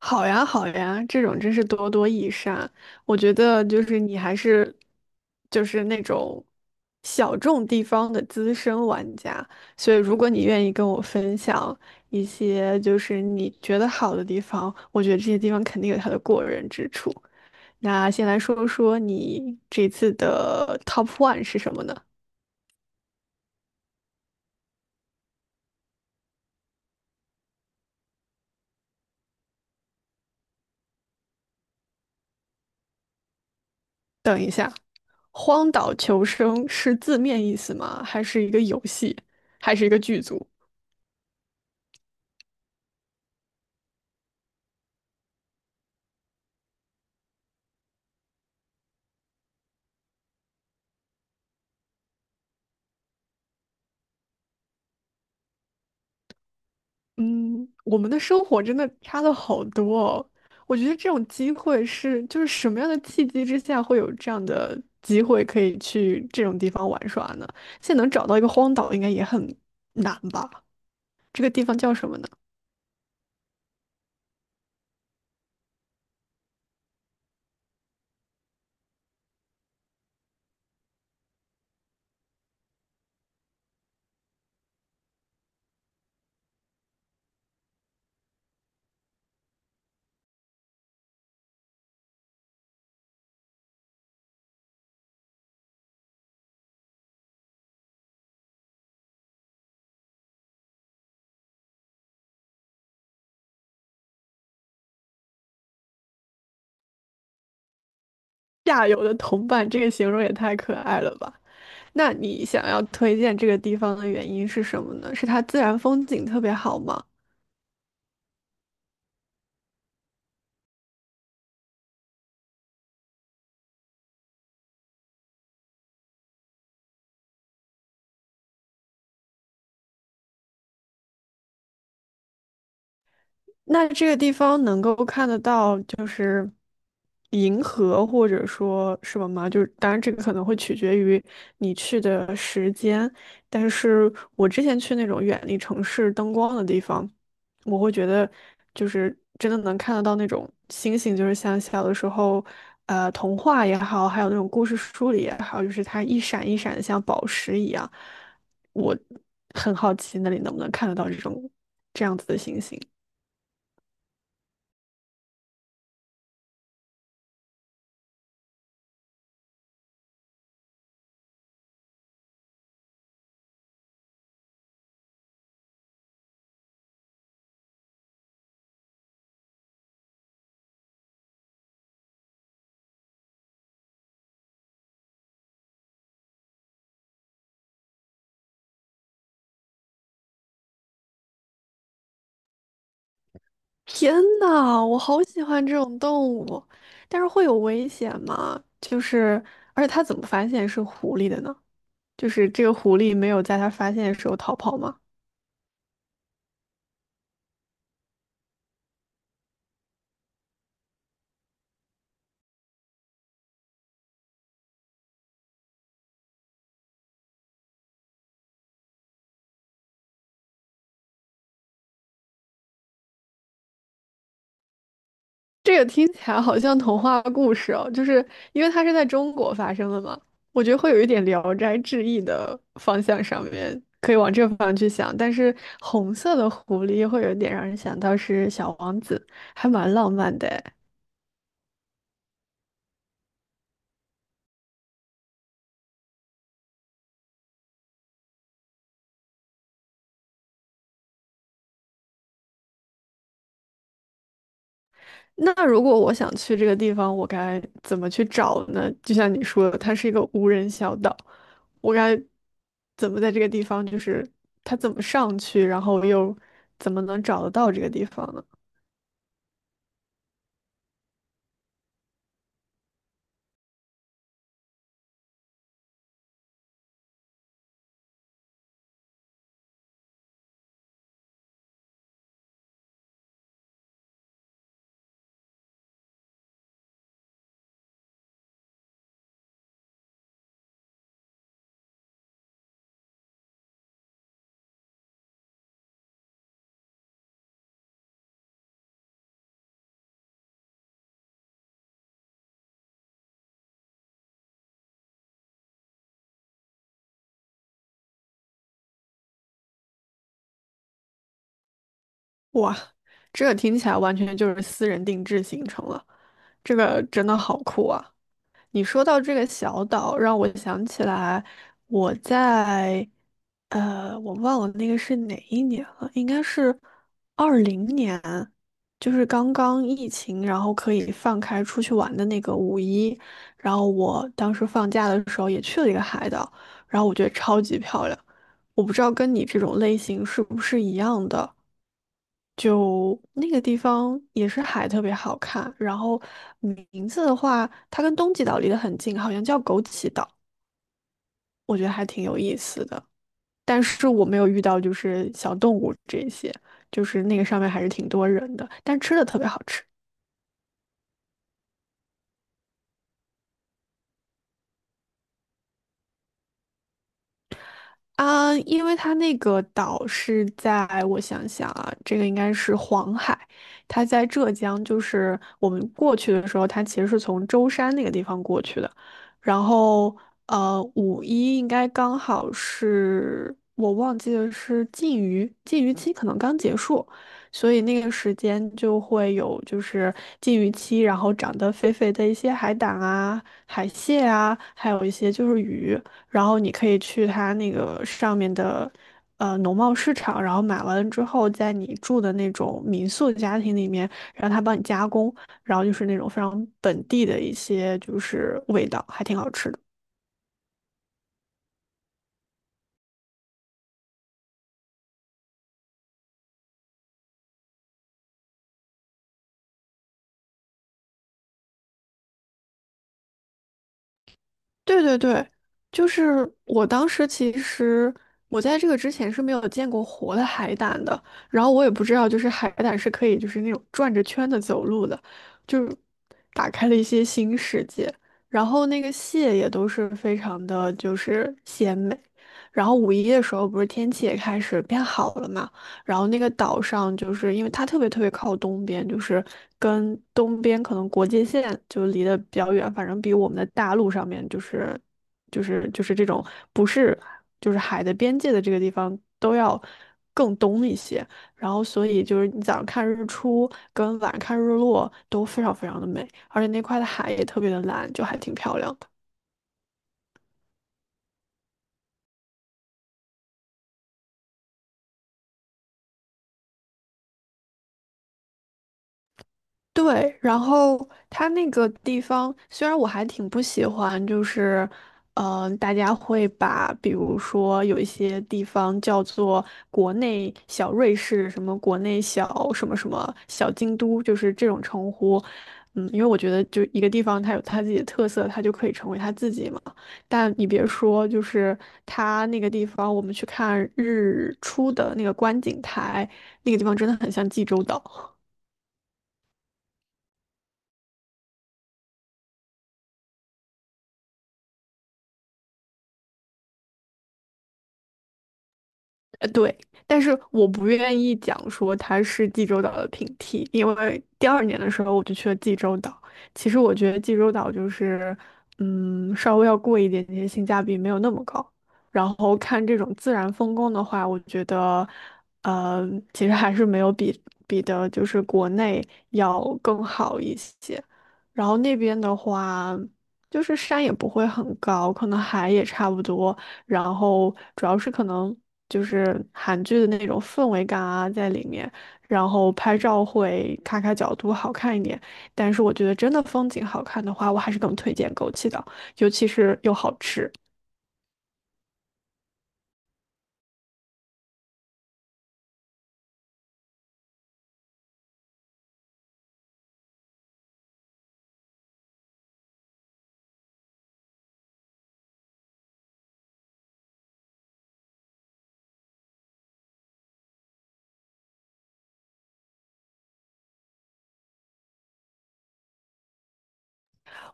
好呀，好呀，这种真是多多益善。我觉得就是你还是就是那种小众地方的资深玩家，所以如果你愿意跟我分享一些就是你觉得好的地方，我觉得这些地方肯定有它的过人之处。那先来说说你这次的 Top One 是什么呢？等一下，《荒岛求生》是字面意思吗？还是一个游戏？还是一个剧组？嗯，我们的生活真的差了好多哦。我觉得这种机会是，就是什么样的契机之下会有这样的机会可以去这种地方玩耍呢？现在能找到一个荒岛，应该也很难吧？这个地方叫什么呢？下游的同伴，这个形容也太可爱了吧？那你想要推荐这个地方的原因是什么呢？是它自然风景特别好吗？那这个地方能够看得到，就是银河或者说什么吗？就是当然这个可能会取决于你去的时间，但是我之前去那种远离城市灯光的地方，我会觉得就是真的能看得到那种星星，就是像小的时候，童话也好，还有那种故事书里也好，就是它一闪一闪的像宝石一样。我很好奇那里能不能看得到这种这样子的星星。天呐，我好喜欢这种动物，但是会有危险吗？就是，而且他怎么发现是狐狸的呢？就是这个狐狸没有在他发现的时候逃跑吗？这个听起来好像童话故事哦，就是因为它是在中国发生的嘛，我觉得会有一点《聊斋志异》的方向上面，可以往这方向去想。但是红色的狐狸会有点让人想到是小王子，还蛮浪漫的诶。那如果我想去这个地方，我该怎么去找呢？就像你说的，它是一个无人小岛，我该怎么在这个地方，就是它怎么上去，然后又怎么能找得到这个地方呢？哇，这个听起来完全就是私人定制行程了，这个真的好酷啊！你说到这个小岛，让我想起来我在我忘了那个是哪一年了，应该是2020年，就是刚刚疫情，然后可以放开出去玩的那个五一，然后我当时放假的时候也去了一个海岛，然后我觉得超级漂亮。我不知道跟你这种类型是不是一样的，就那个地方也是海特别好看，然后名字的话，它跟东极岛离得很近，好像叫枸杞岛，我觉得还挺有意思的。但是我没有遇到就是小动物这些，就是那个上面还是挺多人的，但吃的特别好吃。啊，因为它那个岛是在，我想想啊，这个应该是黄海，它在浙江，就是我们过去的时候，它其实是从舟山那个地方过去的，然后五一应该刚好是我忘记了是禁渔，禁渔期可能刚结束，所以那个时间就会有就是禁渔期，然后长得肥肥的一些海胆啊、海蟹啊，还有一些就是鱼。然后你可以去它那个上面的农贸市场，然后买完了之后，在你住的那种民宿家庭里面，让他帮你加工，然后就是那种非常本地的一些就是味道，还挺好吃的。对对对，就是我当时其实我在这个之前是没有见过活的海胆的，然后我也不知道就是海胆是可以就是那种转着圈的走路的，就是打开了一些新世界。然后那个蟹也都是非常的就是鲜美，然后五一的时候不是天气也开始变好了嘛，然后那个岛上就是因为它特别特别靠东边，就是跟东边可能国界线就离得比较远，反正比我们的大陆上面就是这种不是就是海的边界的这个地方都要更东一些。然后所以就是你早上看日出跟晚上看日落都非常非常的美，而且那块的海也特别的蓝，就还挺漂亮的。对，然后它那个地方虽然我还挺不喜欢，就是，大家会把比如说有一些地方叫做国内小瑞士，什么国内小什么什么小京都，就是这种称呼，因为我觉得就一个地方它有它自己的特色，它就可以成为它自己嘛。但你别说，就是它那个地方，我们去看日出的那个观景台，那个地方真的很像济州岛。对，但是我不愿意讲说它是济州岛的平替，因为第二年的时候我就去了济州岛。其实我觉得济州岛就是，稍微要贵一点点，性价比没有那么高。然后看这种自然风光的话，我觉得，呃，其实还是没有比的，就是国内要更好一些。然后那边的话，就是山也不会很高，可能海也差不多。然后主要是可能就是韩剧的那种氛围感啊在里面，然后拍照会咔咔角度好看一点。但是我觉得真的风景好看的话，我还是更推荐枸杞的，尤其是又好吃。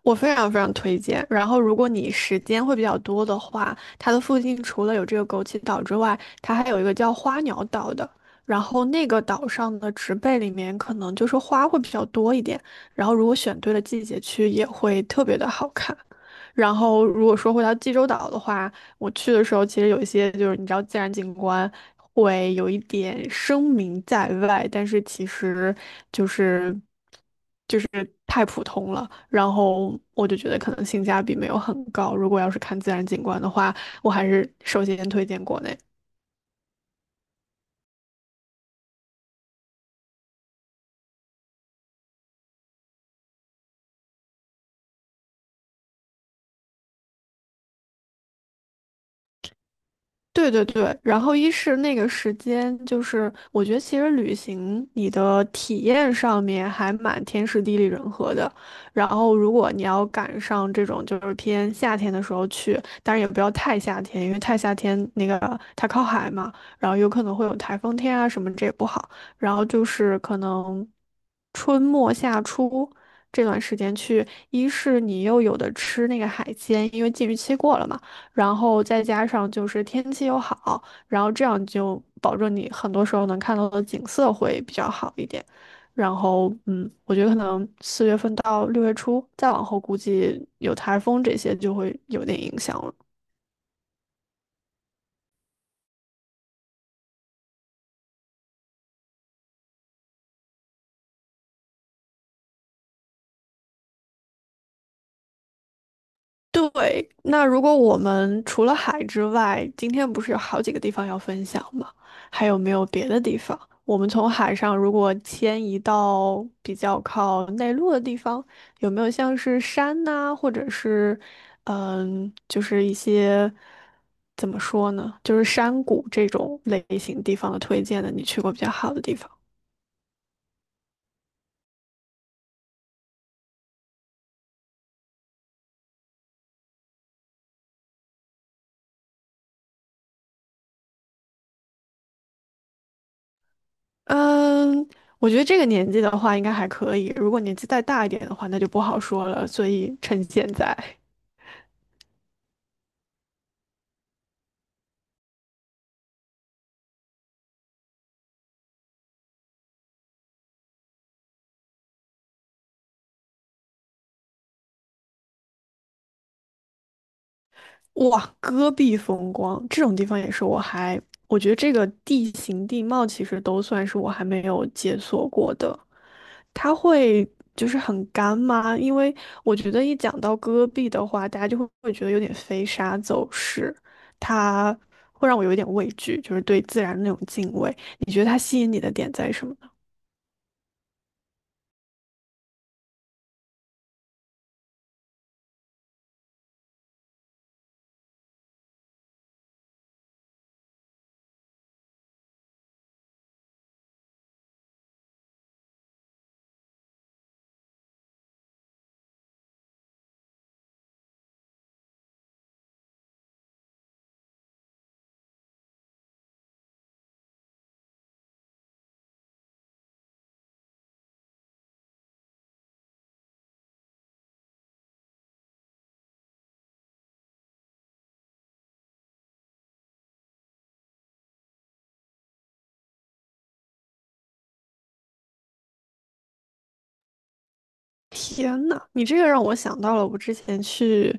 我非常非常推荐。然后，如果你时间会比较多的话，它的附近除了有这个枸杞岛之外，它还有一个叫花鸟岛的。然后那个岛上的植被里面可能就是花会比较多一点，然后如果选对了季节去，也会特别的好看。然后如果说回到济州岛的话，我去的时候其实有一些就是你知道自然景观会有一点声名在外，但是其实就是。太普通了，然后我就觉得可能性价比没有很高。如果要是看自然景观的话，我还是首先推荐国内。对对对，然后一是那个时间，就是我觉得其实旅行你的体验上面还蛮天时地利人和的。然后如果你要赶上这种就是偏夏天的时候去，当然也不要太夏天，因为太夏天那个它靠海嘛，然后有可能会有台风天啊什么，这也不好。然后就是可能春末夏初这段时间去，一是你又有的吃那个海鲜，因为禁渔期过了嘛。然后再加上就是天气又好，然后这样就保证你很多时候能看到的景色会比较好一点。然后，我觉得可能4月份到6月初，再往后估计有台风这些就会有点影响了。对，那如果我们除了海之外，今天不是有好几个地方要分享吗？还有没有别的地方？我们从海上如果迁移到比较靠内陆的地方，有没有像是山呐、或者是就是一些怎么说呢，就是山谷这种类型地方的推荐的？你去过比较好的地方？嗯，我觉得这个年纪的话应该还可以，如果年纪再大一点的话，那就不好说了，所以趁现在。哇，戈壁风光这种地方也是我还，我觉得这个地形地貌其实都算是我还没有解锁过的。它会就是很干吗？因为我觉得一讲到戈壁的话，大家就会觉得有点飞沙走石，它会让我有一点畏惧，就是对自然的那种敬畏。你觉得它吸引你的点在什么？天呐，你这个让我想到了我之前去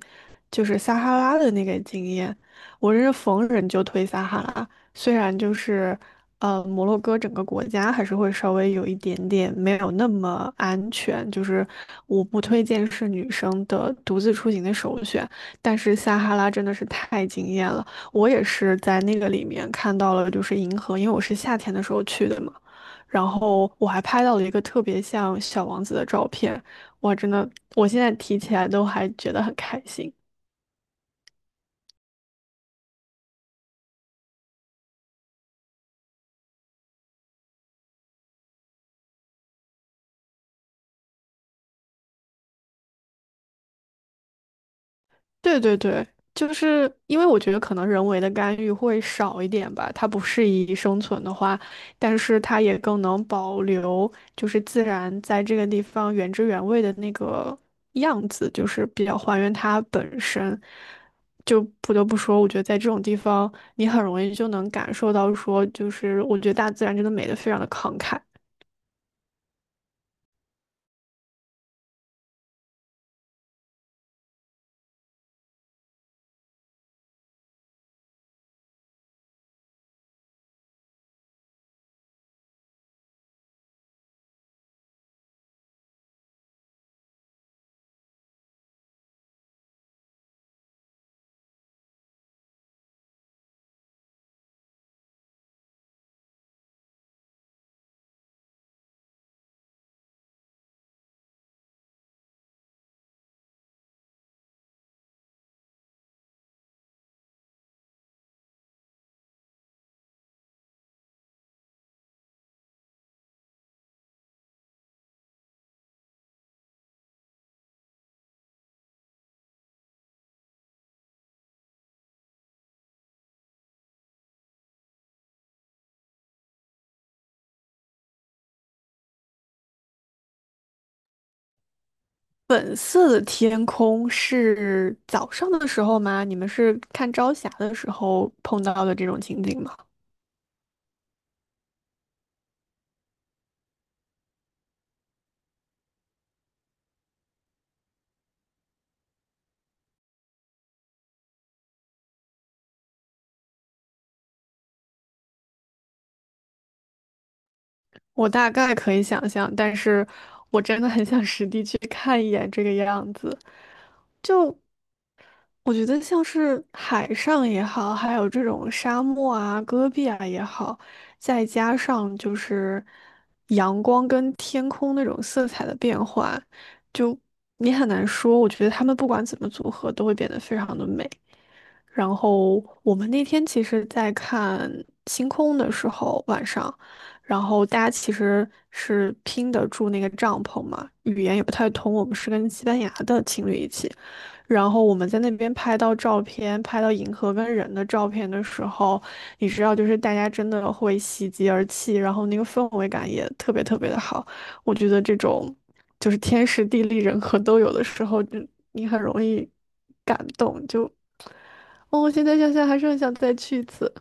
就是撒哈拉的那个经验，我真是逢人就推撒哈拉，虽然就是摩洛哥整个国家还是会稍微有一点点没有那么安全，就是我不推荐是女生的独自出行的首选，但是撒哈拉真的是太惊艳了，我也是在那个里面看到了就是银河，因为我是夏天的时候去的嘛。然后我还拍到了一个特别像小王子的照片，哇，真的，我现在提起来都还觉得很开心。对对对，就是因为我觉得可能人为的干预会少一点吧，它不适宜生存的话，但是它也更能保留就是自然在这个地方原汁原味的那个样子，就是比较还原它本身。就不得不说，我觉得在这种地方，你很容易就能感受到说，就是我觉得大自然真的美的非常的慷慨。粉色的天空是早上的时候吗？你们是看朝霞的时候碰到的这种情景吗？我大概可以想象，但是我真的很想实地去看一眼这个样子。就我觉得像是海上也好，还有这种沙漠啊、戈壁啊也好，再加上就是阳光跟天空那种色彩的变化，就你很难说。我觉得他们不管怎么组合，都会变得非常的美。然后我们那天其实在看星空的时候，晚上，然后大家其实是拼得住那个帐篷嘛，语言也不太通。我们是跟西班牙的情侣一起，然后我们在那边拍到照片，拍到银河跟人的照片的时候，你知道，就是大家真的会喜极而泣，然后那个氛围感也特别特别的好。我觉得这种就是天时地利人和都有的时候，就你很容易感动，就。哦我现在想想还是很想再去一次。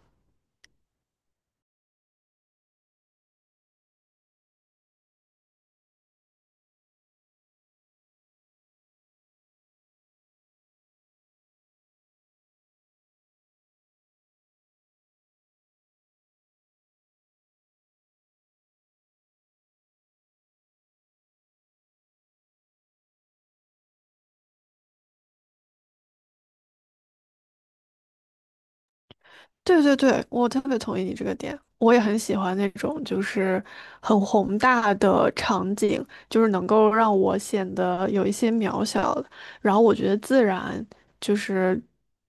对对对，我特别同意你这个点，我也很喜欢那种就是很宏大的场景，就是能够让我显得有一些渺小了。然后我觉得自然就是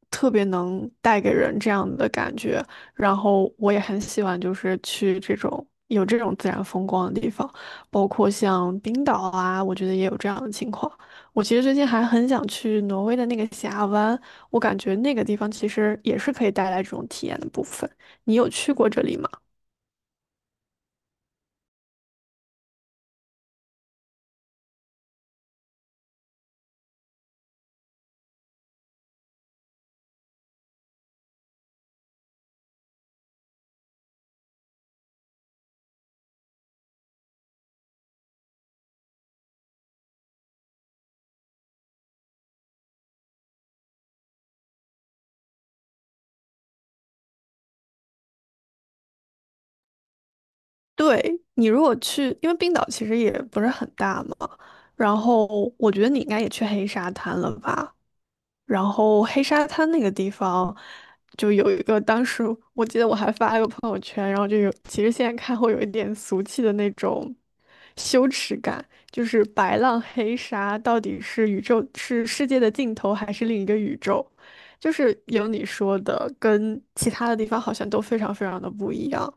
特别能带给人这样的感觉。然后我也很喜欢就是去这种有这种自然风光的地方，包括像冰岛啊，我觉得也有这样的情况。我其实最近还很想去挪威的那个峡湾。我感觉那个地方其实也是可以带来这种体验的部分。你有去过这里吗？对，你如果去，因为冰岛其实也不是很大嘛，然后我觉得你应该也去黑沙滩了吧？然后黑沙滩那个地方，就有一个，当时我记得我还发了个朋友圈，然后就有，其实现在看会有一点俗气的那种羞耻感，就是白浪黑沙到底是宇宙，是世界的尽头，还是另一个宇宙？就是有你说的，跟其他的地方好像都非常非常的不一样。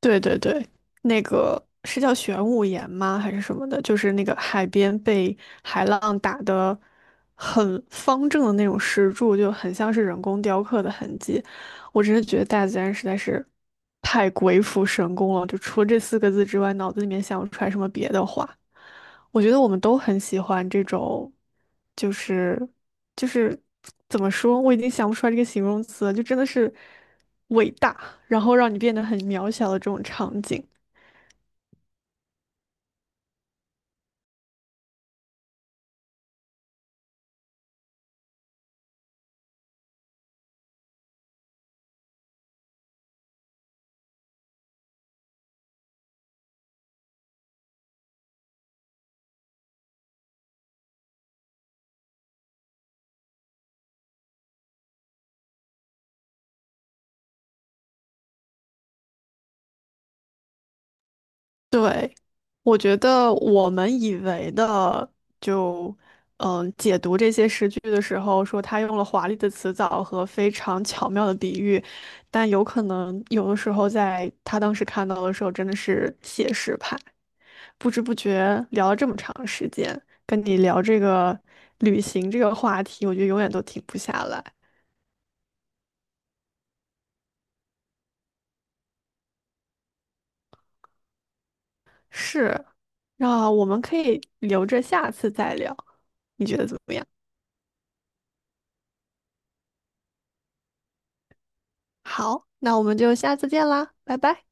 对对对，那个是叫玄武岩吗？还是什么的？就是那个海边被海浪打的很方正的那种石柱，就很像是人工雕刻的痕迹。我真的觉得大自然实在是太鬼斧神工了，就除了这四个字之外，脑子里面想不出来什么别的话。我觉得我们都很喜欢这种，就是就是怎么说，我已经想不出来这个形容词了，就真的是伟大。然后让你变得很渺小的这种场景。对，我觉得我们以为的就，嗯，解读这些诗句的时候，说他用了华丽的辞藻和非常巧妙的比喻，但有可能有的时候在他当时看到的时候，真的是写实派。不知不觉聊了这么长时间，跟你聊这个旅行这个话题，我觉得永远都停不下来。是，那我们可以留着下次再聊。你觉得怎么样？好，那我们就下次见啦，拜拜。